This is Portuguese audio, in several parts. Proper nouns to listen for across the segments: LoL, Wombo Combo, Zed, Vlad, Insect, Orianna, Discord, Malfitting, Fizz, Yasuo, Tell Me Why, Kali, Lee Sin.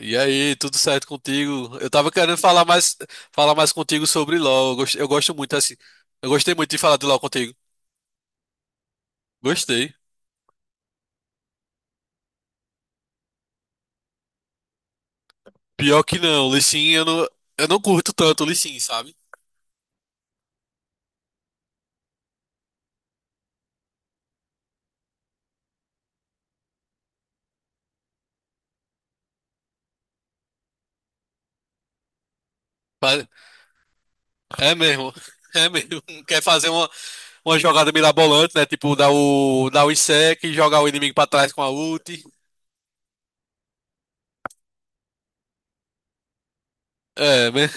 E aí, tudo certo contigo? Eu tava querendo falar mais contigo sobre LoL. Eu gosto muito assim. Eu gostei muito de falar de LoL contigo. Gostei. Pior que não, o Lee Sin, eu não curto tanto o Lee Sin, sabe? Pa- É mesmo. É mesmo. Quer fazer uma jogada mirabolante, né? Tipo, dar o Insect e jogar o inimigo pra trás com a ult. É, né?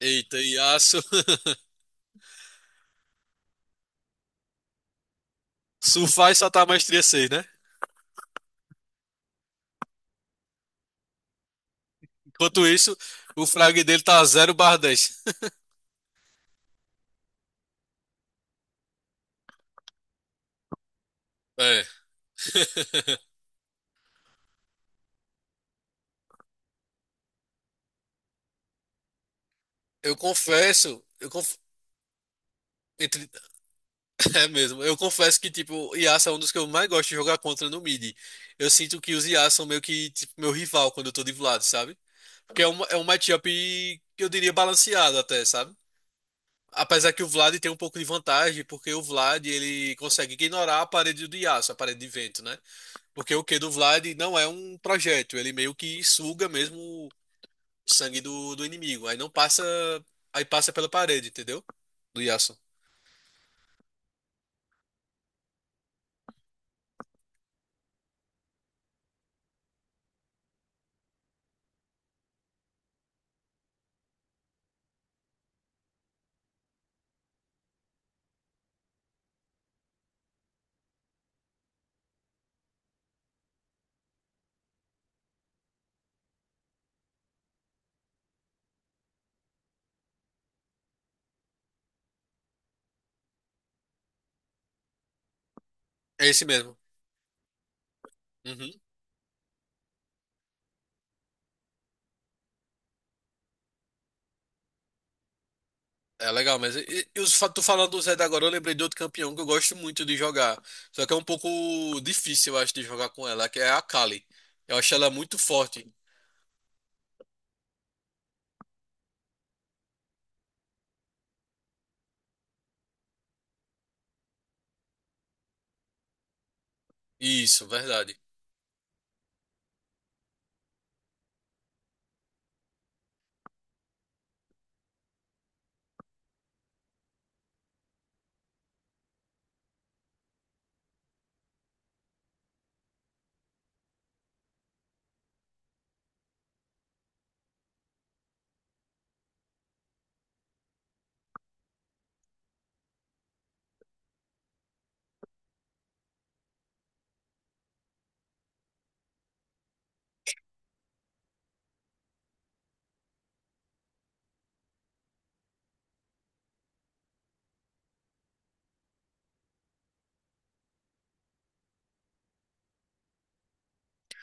Eita, Yasuo. Surfar e soltar a maestria seis, né? Enquanto isso, o frag dele tá 0 dez. É. Eu confesso, eu conf... entre- é mesmo, eu confesso que tipo, Yasuo é um dos que eu mais gosto de jogar contra no mid. Eu sinto que os Yasuo são meio que tipo, meu rival quando eu tô de Vlad, sabe? Porque é um matchup que eu diria balanceado até, sabe? Apesar que o Vlad tem um pouco de vantagem, porque o Vlad ele consegue ignorar a parede do Yasuo, a parede de vento, né? Porque o Q do Vlad não é um projétil, ele meio que suga mesmo o sangue do inimigo. Aí não passa, aí passa pela parede, entendeu? Do Yasuo. É esse mesmo. Uhum. É legal, mas os tu falando do Zed agora, eu lembrei de outro campeão que eu gosto muito de jogar. Só que é um pouco difícil, eu acho, de jogar com ela, que é a Kali. Eu acho ela muito forte. Isso, verdade.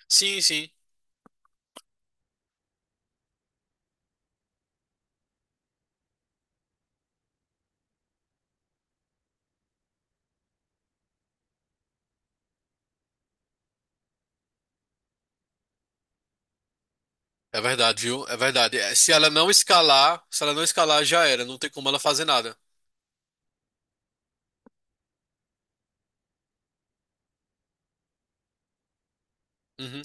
Sim, sim. É verdade, viu? É verdade. É, se ela não escalar, se ela não escalar, já era. Não tem como ela fazer nada. Uhum.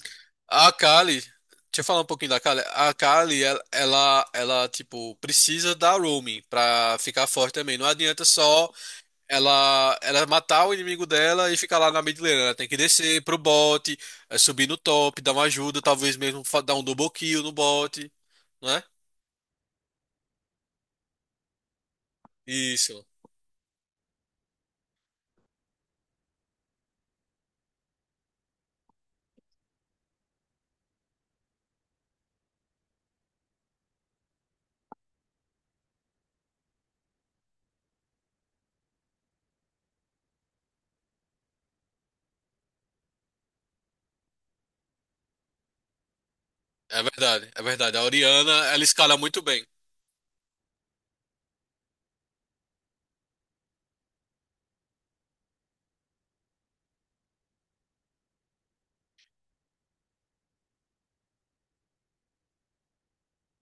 A Kali, deixa eu falar um pouquinho da Kali. A Kali, tipo, precisa da roaming pra ficar forte também. Não adianta só ela matar o inimigo dela e ficar lá na mid lane. Ela tem que descer pro bot, eh, subir no top, dar uma ajuda, talvez mesmo dar um double kill no bot, não é? Isso. É verdade, é verdade. A Orianna, ela escala muito bem.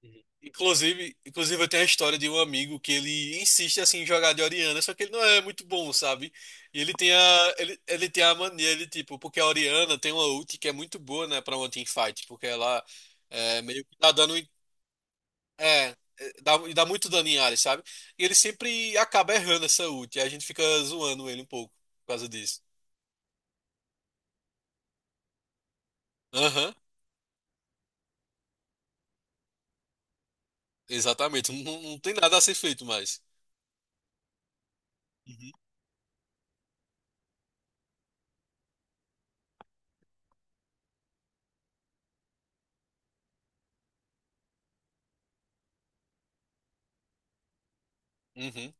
Uhum. Inclusive, inclusive eu tenho a história de um amigo que ele insiste assim em jogar de Orianna, só que ele não é muito bom, sabe? E ele tem a mania de tipo, porque a Orianna tem uma ult que é muito boa, né, para uma teamfight, porque ela é, meio que tá dando um É, é, dá, e dá muito dano em área, sabe? E ele sempre acaba errando essa ult, e a gente fica zoando ele um pouco por causa disso. Aham, exatamente. Não, não tem nada a ser feito mais. Uhum. Uhum.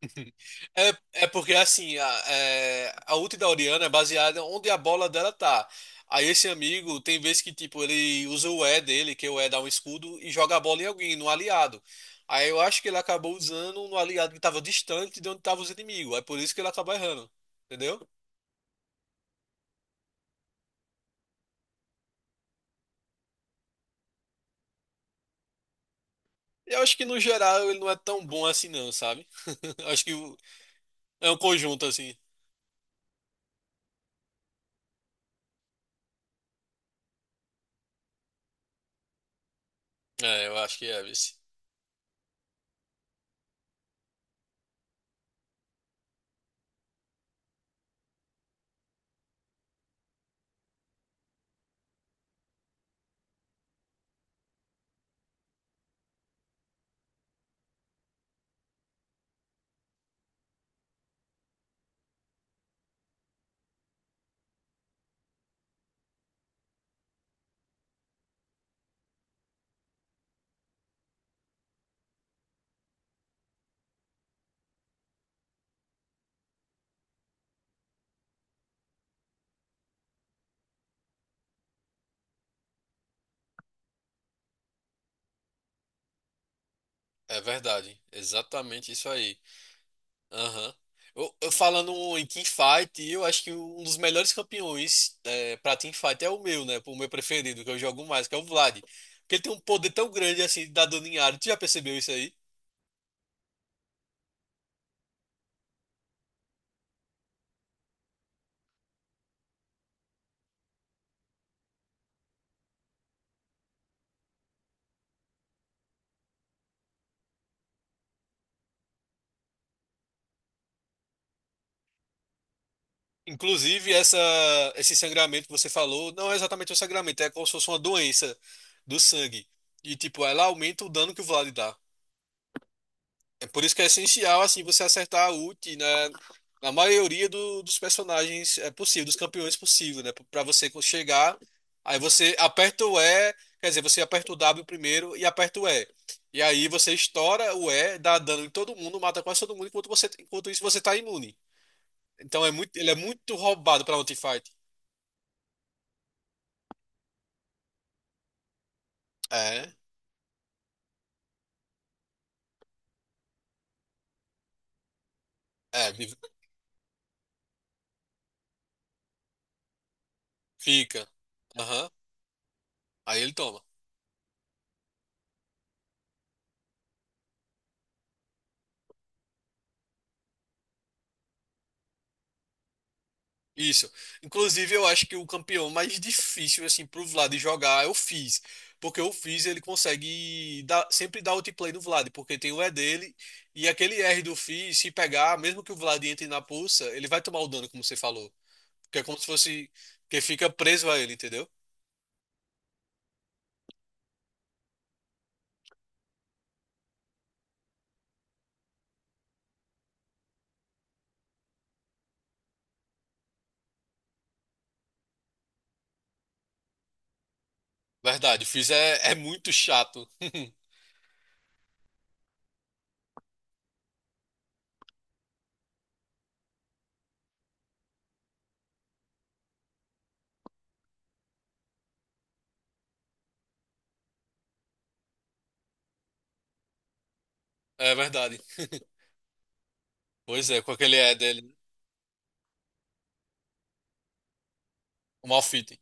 É, é porque assim, a ult da Orianna é baseada onde a bola dela tá. Aí esse amigo tem vezes que tipo ele usa o E dele, que é o E dá um escudo e joga a bola em alguém, no aliado. Aí eu acho que ele acabou usando no aliado que tava distante de onde tava os inimigos. É por isso que ele acaba errando. Entendeu? Eu acho que no geral ele não é tão bom assim não, sabe? Acho que é um conjunto assim. É, eu acho que é, vice. É verdade. Exatamente isso aí. Aham. Eu falando em teamfight, eu acho que um dos melhores campeões é, pra teamfight é o meu, né? O meu preferido, que eu jogo mais, que é o Vlad. Porque ele tem um poder tão grande assim de dar dano em área. Tu já percebeu isso aí? Inclusive, essa, esse sangramento que você falou não é exatamente um sangramento, é como se fosse uma doença do sangue. E, tipo, ela aumenta o dano que o Vlad dá. É por isso que é essencial, assim, você acertar a ult na maioria dos personagens é possível, dos campeões é possível, né? Para você chegar, aí você aperta o E, quer dizer, você aperta o W primeiro e aperta o E. E aí você estoura o E, dá dano em todo mundo, mata quase todo mundo, enquanto você, enquanto isso você tá imune. Então é muito, ele é muito roubado pra Notifight. É, é, fica. Aham. Aí ele toma. Isso. Inclusive, eu acho que o campeão mais difícil, assim, pro Vlad jogar é o Fizz. Porque o Fizz, ele consegue dar, sempre dar outplay no Vlad, porque tem o E dele, e aquele R do Fizz, se pegar, mesmo que o Vlad entre na pulsa, ele vai tomar o dano, como você falou. Que é como se fosse. Que fica preso a ele, entendeu? Verdade, o Fizz é, é muito chato. É verdade. Pois é, com aquele é dele. Né? O Malfitting.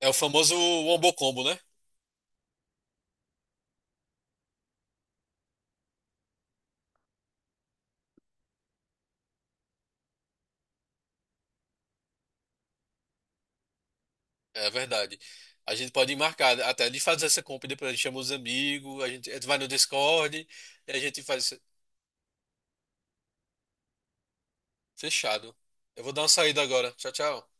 É o famoso Wombo Combo, né? É verdade. A gente pode marcar até de fazer essa compra e depois a gente chama os amigos, a gente vai no Discord e a gente faz isso. Fechado. Eu vou dar uma saída agora. Tchau, tchau.